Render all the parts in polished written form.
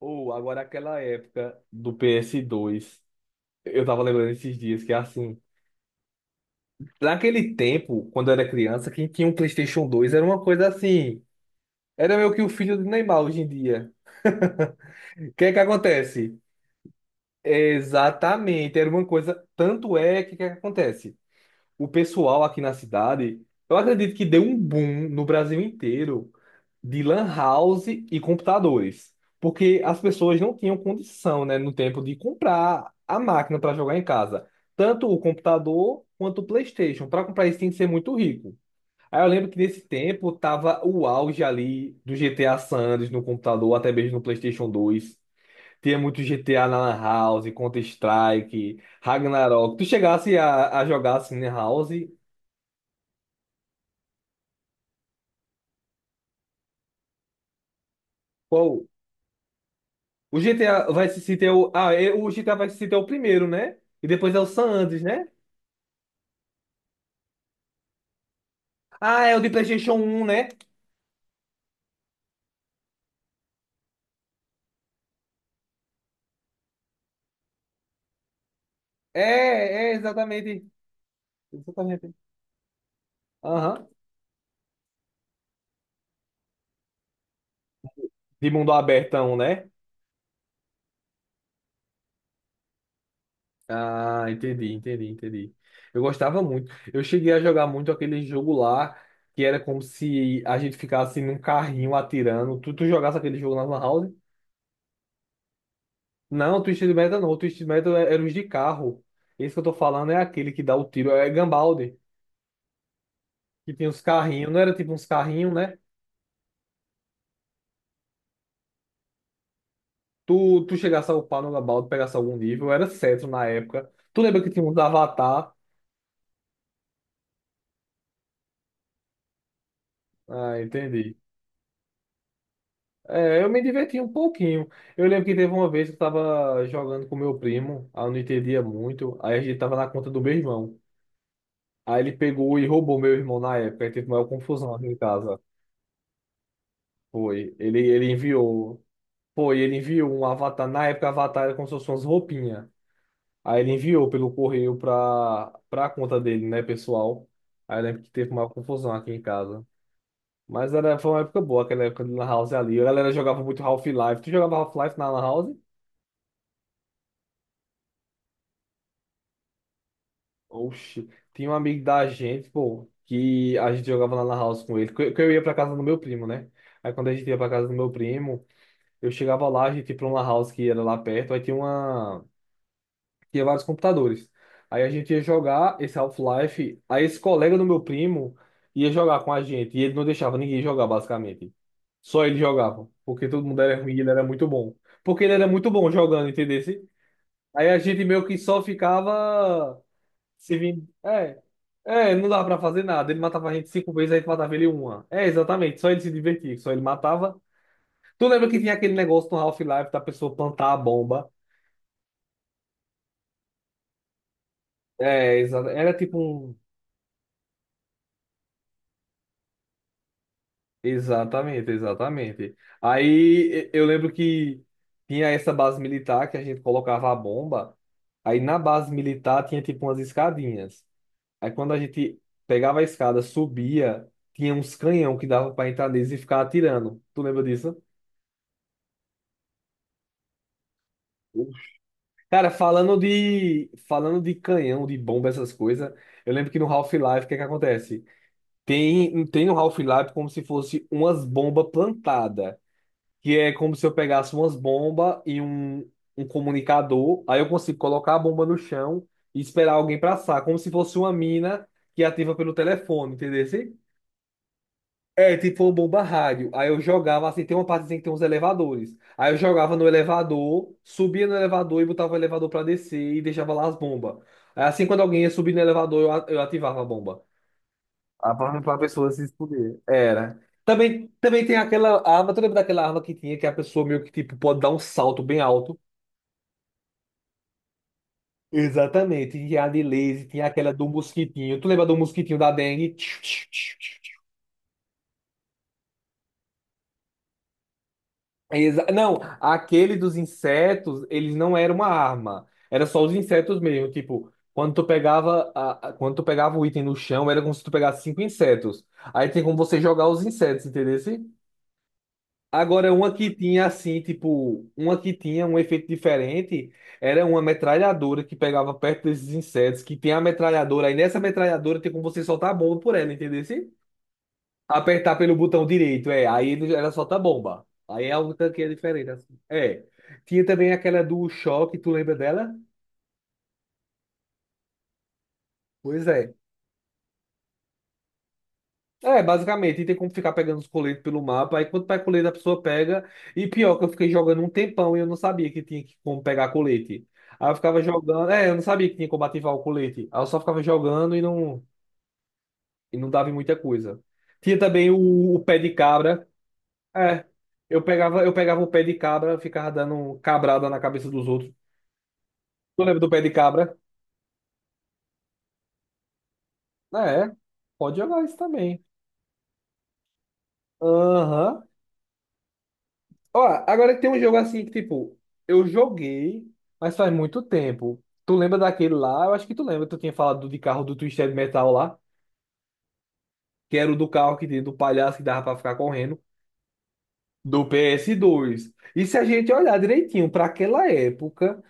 Ou agora aquela época do PS2. Eu tava lembrando esses dias que assim, naquele tempo, quando eu era criança, quem tinha um PlayStation 2 era uma coisa assim, era meio que o filho do Neymar hoje em dia. O que é que acontece? Exatamente, era uma coisa, tanto é que o que é que acontece? O pessoal aqui na cidade, eu acredito que deu um boom no Brasil inteiro de lan house e computadores, porque as pessoas não tinham condição, né, no tempo de comprar a máquina para jogar em casa, tanto o computador quanto o PlayStation. Para comprar isso tinha que ser muito rico. Aí eu lembro que nesse tempo tava o auge ali do GTA San Andreas no computador, até mesmo no PlayStation 2. Tinha muito GTA na Lan House, Counter-Strike, Ragnarok. Tu chegasse a jogar assim na House, qual, O GTA vai se ter o. Ah, é, o GTA vai se ter o primeiro, né? E depois é o San Andreas, né? Ah, é o de PlayStation um, né? É, é, exatamente. Exatamente. Aham. De mundo abertão, né? Ah, entendi, entendi, entendi. Eu gostava muito. Eu cheguei a jogar muito aquele jogo lá, que era como se a gente ficasse num carrinho atirando. Tu jogasse aquele jogo na Lan House? Não, Twisted Metal não. Twisted Metal é, era os de carro. Esse que eu tô falando é aquele que dá o tiro, é Gunbound. Que tinha uns carrinhos, não era tipo uns carrinhos, né? Tu chegasse a upar no Labaldo, pegasse algum nível, era cetro na época. Tu lembra que tinha uns avatar? Ah, entendi. É, eu me divertia um pouquinho. Eu lembro que teve uma vez que eu tava jogando com meu primo, aí eu não entendia muito, aí a gente tava na conta do meu irmão. Aí ele pegou e roubou meu irmão na época, aí teve maior confusão aqui em casa. Foi, ele enviou, foi, ele enviou um avatar, na época avatar era como se fosse umas roupinhas. Aí ele enviou pelo correio para a conta dele, né, pessoal. Aí eu lembro que teve uma confusão aqui em casa. Mas era, foi uma época boa, aquela época de Lan House ali. A galera jogava muito Half-Life. Tu jogava Half-Life na Lan House? Oxi, tinha um amigo da gente, pô, que a gente jogava na Lan House com ele. Que eu ia pra casa do meu primo, né? Aí quando a gente ia pra casa do meu primo, eu chegava lá, a gente ia pra uma Lan House que era lá perto. Aí tinha uma. Tinha vários computadores. Aí a gente ia jogar esse Half-Life, aí esse colega do meu primo ia jogar com a gente, e ele não deixava ninguém jogar, basicamente. Só ele jogava, porque todo mundo era ruim e ele era muito bom. Porque ele era muito bom jogando, entendeu? Aí a gente meio que só ficava se vin- É, é, não dava pra fazer nada. Ele matava a gente cinco vezes, a gente matava ele uma. É, exatamente, só ele se divertia, só ele matava. Tu lembra que tinha aquele negócio no Half-Life da pessoa plantar a bomba? É, era tipo um. Exatamente, exatamente. Aí eu lembro que tinha essa base militar que a gente colocava a bomba. Aí na base militar tinha tipo umas escadinhas. Aí quando a gente pegava a escada, subia, tinha uns canhão que dava para entrar neles e ficar atirando. Tu lembra disso? Cara, falando de canhão, de bomba, essas coisas, eu lembro que no Half-Life, o que é que acontece? Tem no Half-Life como se fosse umas bombas plantadas. Que é como se eu pegasse umas bombas e um comunicador, aí eu consigo colocar a bomba no chão e esperar alguém passar, como se fosse uma mina que ativa pelo telefone, entendeu? Assim? É, tipo uma bomba rádio. Aí eu jogava, assim, tem uma parte assim que tem uns elevadores. Aí eu jogava no elevador, subia no elevador e botava o elevador pra descer e deixava lá as bombas. Aí, assim, quando alguém ia subir no elevador, eu ativava a bomba. A para pessoa se esconder. Era. Também, também tem aquela arma, tu lembra daquela arma que tinha que a pessoa meio que tipo pode dar um salto bem alto? Exatamente. Tinha a de laser, tinha aquela do mosquitinho. Tu lembra do mosquitinho da dengue? Tchiu, tchiu, tchiu, tchiu. Não, aquele dos insetos, eles não era uma arma. Era só os insetos mesmo. Tipo, quando tu pegava, quando tu pegava o item no chão, era como se tu pegasse cinco insetos. Aí tem como você jogar os insetos, entendeu? Agora, uma que tinha assim, tipo, uma que tinha um efeito diferente, era uma metralhadora que pegava perto desses insetos, que tem a metralhadora, aí nessa metralhadora tem como você soltar a bomba por ela, entendeu? Assim? Apertar pelo botão direito, é, aí ela solta a bomba. Aí é algo que é diferente, assim. É. Tinha também aquela do choque, tu lembra dela? Pois é. É, basicamente, e tem como ficar pegando os coletes pelo mapa. Aí quando pega colete, a pessoa pega. E pior, que eu fiquei jogando um tempão e eu não sabia como pegar colete. Aí eu ficava jogando. É, eu não sabia que tinha como ativar o colete. Aí eu só ficava jogando e não dava em muita coisa. Tinha também o pé de cabra. É, eu pegava o pé de cabra, ficava dando cabrada na cabeça dos outros. Tu lembra do pé de cabra? É, pode jogar isso também. Aham. Ó, agora tem um jogo assim que, tipo, eu joguei, mas faz muito tempo. Tu lembra daquele lá? Eu acho que tu lembra, tu tinha falado do de carro do Twisted Metal lá, que era o do carro que tinha do palhaço que dava pra ficar correndo, do ps dois. E se a gente olhar direitinho, pra aquela época,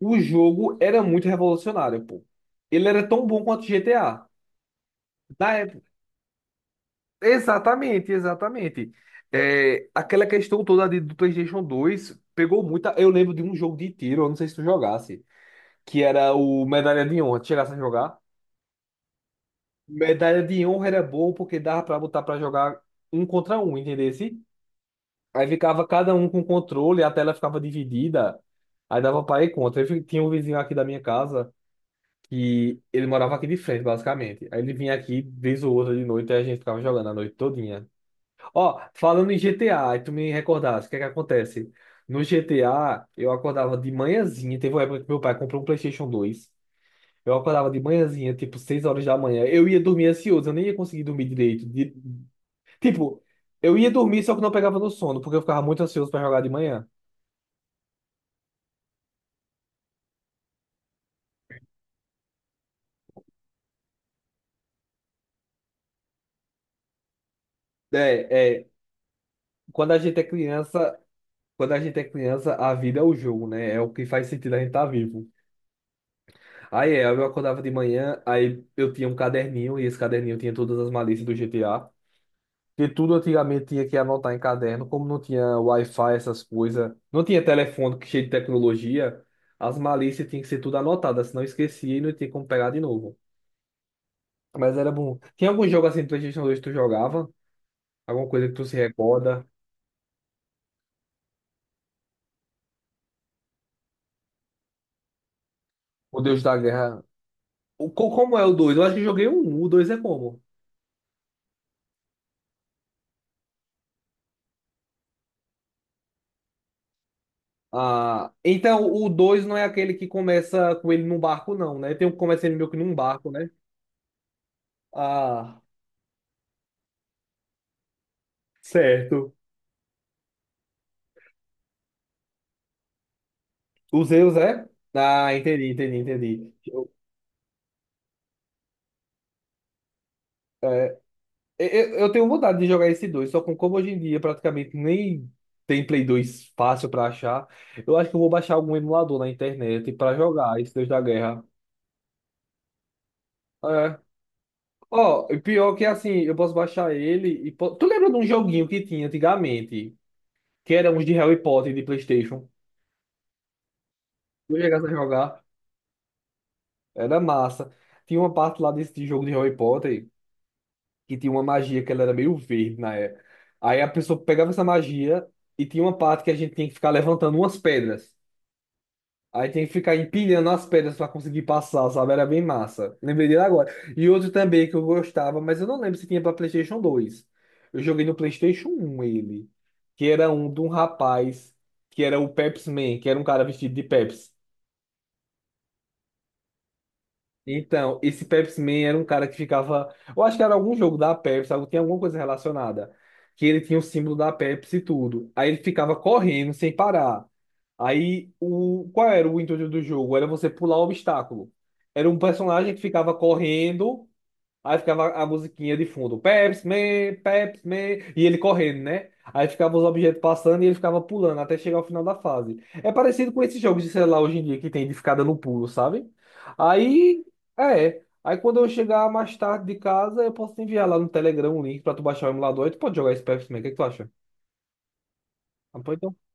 o jogo era muito revolucionário, pô. Ele era tão bom quanto GTA. Na época. Exatamente, exatamente. É, aquela questão toda do PlayStation 2 pegou muita. Eu lembro de um jogo de tiro, eu não sei se tu jogasse. Que era o Medalha de Honra. Tu chegasse a jogar. Medalha de Honra era bom porque dava pra botar pra jogar um contra um, entendesse? Aí ficava cada um com controle, a tela ficava dividida, aí dava pra ir contra. Tinha um vizinho aqui da minha casa que ele morava aqui de frente, basicamente. Aí ele vinha aqui vez ou outra de noite e a gente ficava jogando a noite todinha. Ó, falando em GTA, aí tu me recordasse, o que é que acontece? No GTA, eu acordava de manhãzinha, teve uma época que meu pai comprou um PlayStation 2. Eu acordava de manhãzinha, tipo, 6 horas da manhã. Eu ia dormir ansioso, eu nem ia conseguir dormir direito. Tipo, eu ia dormir, só que não pegava no sono, porque eu ficava muito ansioso pra jogar de manhã. É, é, quando a gente é criança, quando a gente é criança, a vida é o jogo, né? É o que faz sentido a gente estar vivo. Aí é, eu acordava de manhã, aí eu tinha um caderninho, e esse caderninho tinha todas as malícias do GTA. Porque tudo antigamente tinha que anotar em caderno, como não tinha Wi-Fi, essas coisas, não tinha telefone que cheio de tecnologia, as malícias tinham que ser tudo anotadas, senão esquecia e não tinha como pegar de novo. Mas era bom. Tinha algum jogo assim do PlayStation 2 que tu jogava? Alguma coisa que tu se recorda? O Deus da Guerra. O, como é o 2? Eu acho que eu joguei um. O 2 é como? Ah, então o 2 não é aquele que começa com ele num barco, não, né? Tem um que começa ele meio que num barco, né? Ah, certo. O Zeus é? Ah, entendi, entendi, entendi. Eu tenho vontade de jogar esse 2, só com como hoje em dia praticamente nem tem Play 2 fácil pra achar. Eu acho que eu vou baixar algum emulador na internet pra jogar esse Deus da Guerra. É. Ó, e pior que é assim, eu posso baixar ele Tu lembra de um joguinho que tinha antigamente, que era uns de Harry Potter de PlayStation? Eu chegasse a jogar, era massa. Tinha uma parte lá desse de jogo de Harry Potter que tinha uma magia que ela era meio verde na época. Aí a pessoa pegava essa magia e tinha uma parte que a gente tinha que ficar levantando umas pedras. Aí tem que ficar empilhando as pedras para conseguir passar, sabe? Era bem massa. Lembrei dele agora. E outro também que eu gostava, mas eu não lembro se tinha para PlayStation 2. Eu joguei no PlayStation um ele, que era um de um rapaz que era o Pepsi Man, que era um cara vestido de Pepsi. Então, esse Pepsi Man era um cara que ficava. Eu acho que era algum jogo da Pepsi, tinha alguma coisa relacionada. Que ele tinha o símbolo da Pepsi e tudo. Aí ele ficava correndo sem parar. Aí, o qual era o intuito do jogo? Era você pular o obstáculo. Era um personagem que ficava correndo. Aí ficava a musiquinha de fundo, Pepsi Man, Pepsi Man, e ele correndo, né? Aí ficava os objetos passando e ele ficava pulando até chegar ao final da fase. É parecido com esses jogos de celular hoje em dia que tem de ficar dando pulo, sabe? Aí, é. Aí quando eu chegar mais tarde de casa, eu posso te enviar lá no Telegram um link pra tu baixar o emulador e tu pode jogar esse Pepsi Man. O que é que tu acha? Ah, pois então